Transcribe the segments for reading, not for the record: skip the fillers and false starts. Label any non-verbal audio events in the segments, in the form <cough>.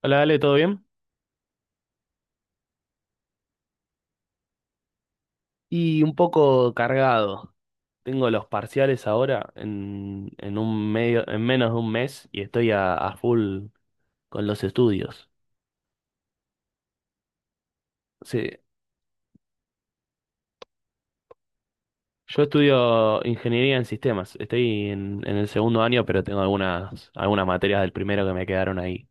Hola, Ale, ¿todo bien? Y un poco cargado. Tengo los parciales ahora en un medio, en menos de un mes y estoy a full con los estudios. Sí, yo estudio ingeniería en sistemas. Estoy en el segundo año, pero tengo algunas materias del primero que me quedaron ahí,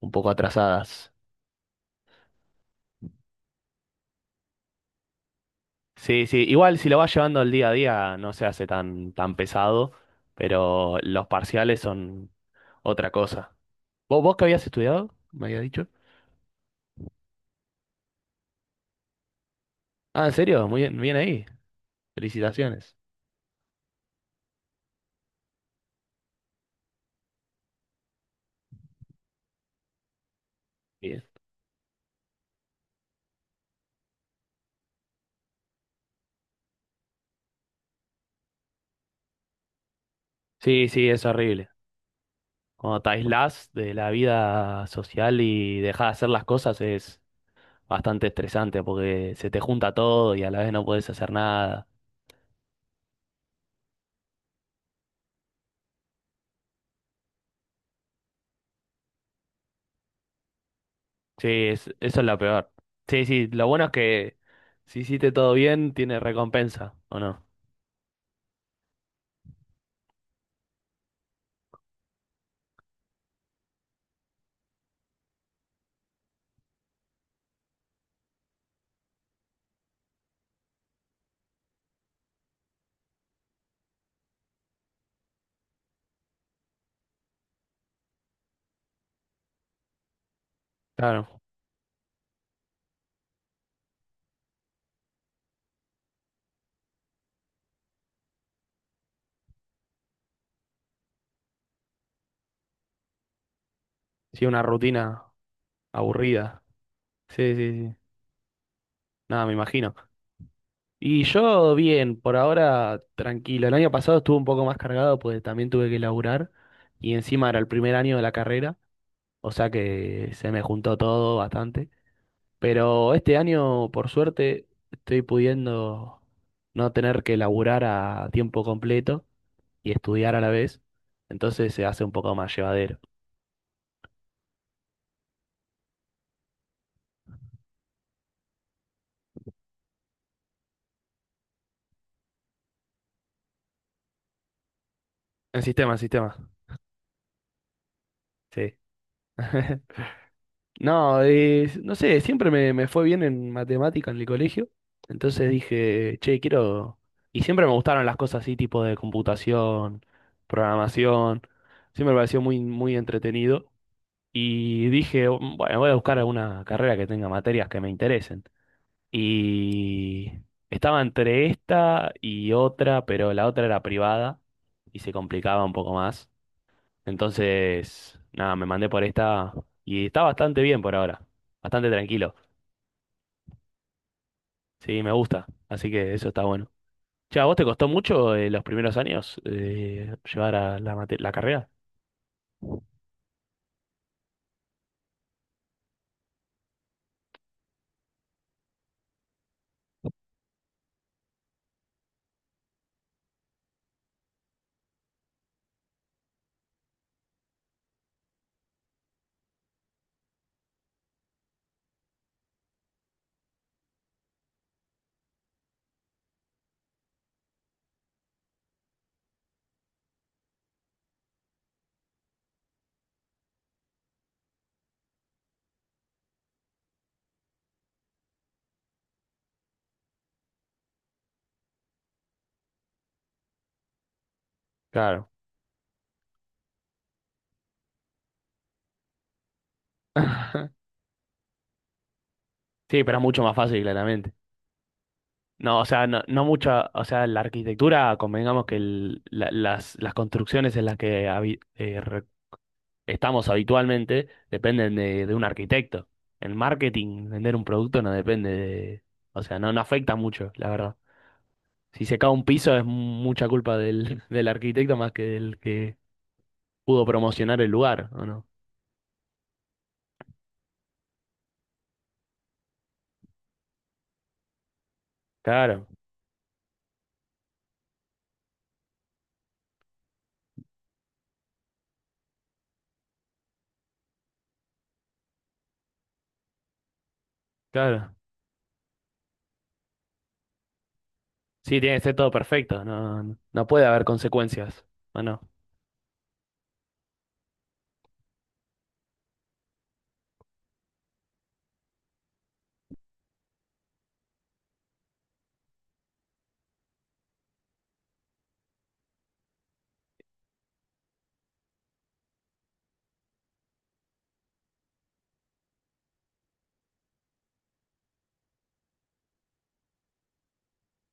un poco atrasadas. Sí, sí, igual si lo vas llevando al día a día no se hace tan pesado, pero los parciales son otra cosa. ¿Vos qué habías estudiado? ¿Me habías dicho? Ah, ¿en serio? Muy bien, bien ahí. Felicitaciones. Bien. Sí, sí, es horrible. Cuando te aislás de la vida social y dejás de hacer las cosas es bastante estresante porque se te junta todo y a la vez no podés hacer nada. Sí, eso es lo peor. Sí, sí, lo bueno es que si hiciste todo bien, tiene recompensa, ¿o no? Claro. Sí, una rutina aburrida. Sí, sí, sí. Nada, me imagino. Y yo bien, por ahora tranquilo. El año pasado estuve un poco más cargado, pues también tuve que laburar y encima era el primer año de la carrera, o sea que se me juntó todo bastante. Pero este año, por suerte, estoy pudiendo no tener que laburar a tiempo completo y estudiar a la vez, entonces se hace un poco más llevadero. En sistema, en sistema. Sí. <laughs> No, no sé, siempre me fue bien en matemática en el colegio. Entonces dije, che, quiero... Y siempre me gustaron las cosas así, tipo de computación, programación. Siempre me pareció muy entretenido. Y dije, bueno, voy a buscar alguna carrera que tenga materias que me interesen. Y estaba entre esta y otra, pero la otra era privada y se complicaba un poco más. Entonces, nada, me mandé por esta y está bastante bien por ahora. Bastante tranquilo. Sí, me gusta. Así que eso está bueno. Che, ¿a vos te costó mucho los primeros años llevar a la carrera? Claro. <clears throat> <laughs> Sí, pero es mucho más fácil, claramente. No, o sea, no mucha, o sea, la arquitectura, convengamos que las construcciones en las que estamos habitualmente dependen de un arquitecto. El marketing, vender un producto no depende de, o sea, no afecta mucho, la verdad. Si se cae un piso es mucha culpa del, <laughs> del arquitecto más que del que pudo promocionar el lugar, ¿o no? Claro, claro. Sí, tiene que ser todo perfecto, no puede haber consecuencias, ¿o no?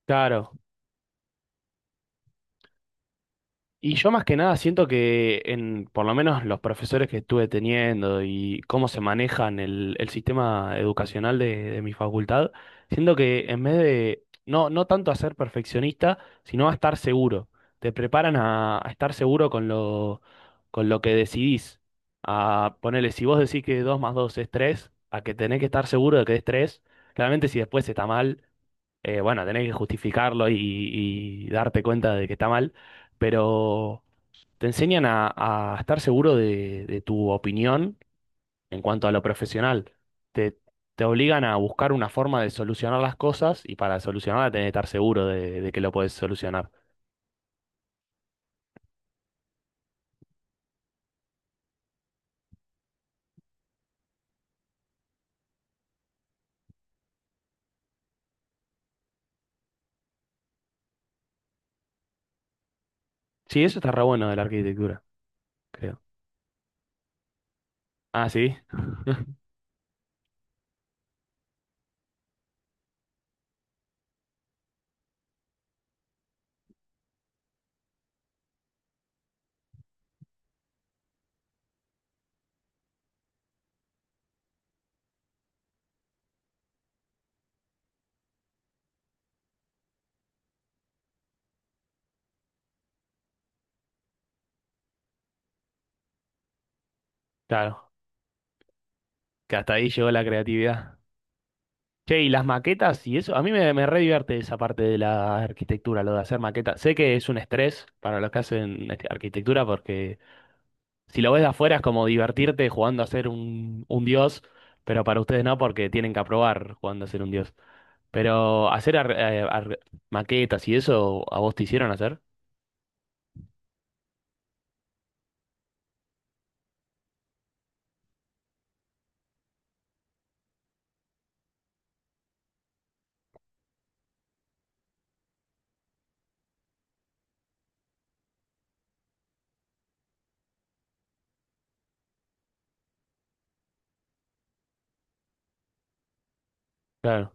Claro. Y yo más que nada siento que en, por lo menos los profesores que estuve teniendo y cómo se manejan el sistema educacional de mi facultad, siento que en vez de no tanto a ser perfeccionista, sino a estar seguro. Te preparan a estar seguro con con lo que decidís. A ponerle, si vos decís que 2 más 2 es 3 a que tenés que estar seguro de que es tres. Claramente si después está mal, bueno, tenés que justificarlo y darte cuenta de que está mal, pero te enseñan a estar seguro de tu opinión en cuanto a lo profesional. Te, te obligan a buscar una forma de solucionar las cosas y para solucionarla tenés que estar seguro de que lo podés solucionar. Sí, eso está re bueno de la arquitectura, creo. Ah, sí, claro, que hasta ahí llegó la creatividad. Che, y las maquetas y eso, a mí me re divierte esa parte de la arquitectura, lo de hacer maquetas. Sé que es un estrés para los que hacen este, arquitectura porque si lo ves de afuera es como divertirte jugando a ser un dios, pero para ustedes no, porque tienen que aprobar jugando a ser un dios. Pero maquetas y eso, ¿a vos te hicieron hacer? Claro,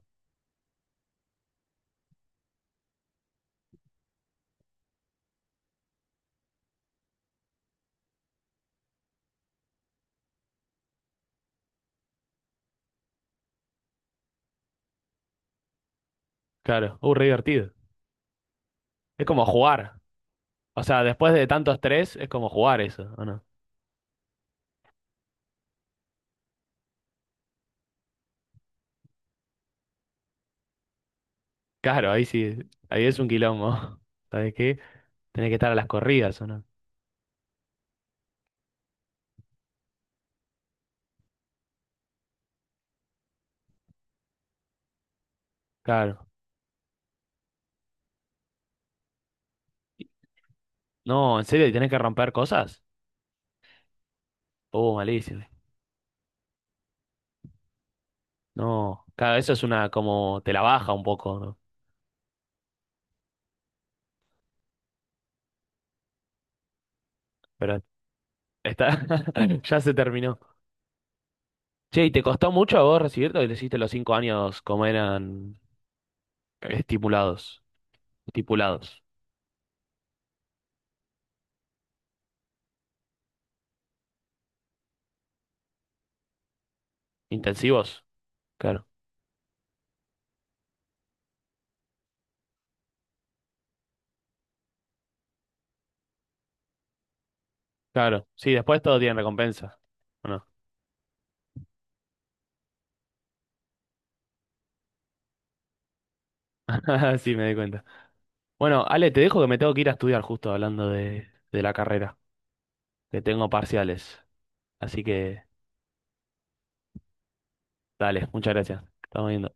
claro. Re divertido. Es como jugar. O sea, después de tanto estrés, es como jugar eso, ¿o no? Claro, ahí sí, ahí es un quilombo. <laughs> ¿Sabes qué? Tenés que estar a las corridas, ¿o no? Claro. No, ¿en serio? ¿Y ¿tenés que romper cosas? Malísimo. No, claro, eso es una como te la baja un poco, ¿no? Pero está, <laughs> ya se terminó. Che, ¿y te costó mucho a vos recibirte o le hiciste los 5 años como eran estipulados? Estipulados. ¿Intensivos? Claro. Claro. Sí, después todo tiene recompensa. ¿O no? <laughs> Sí, me di cuenta. Bueno, Ale, te dejo que me tengo que ir a estudiar justo hablando de la carrera, que tengo parciales. Así que, dale, muchas gracias. Estamos viendo.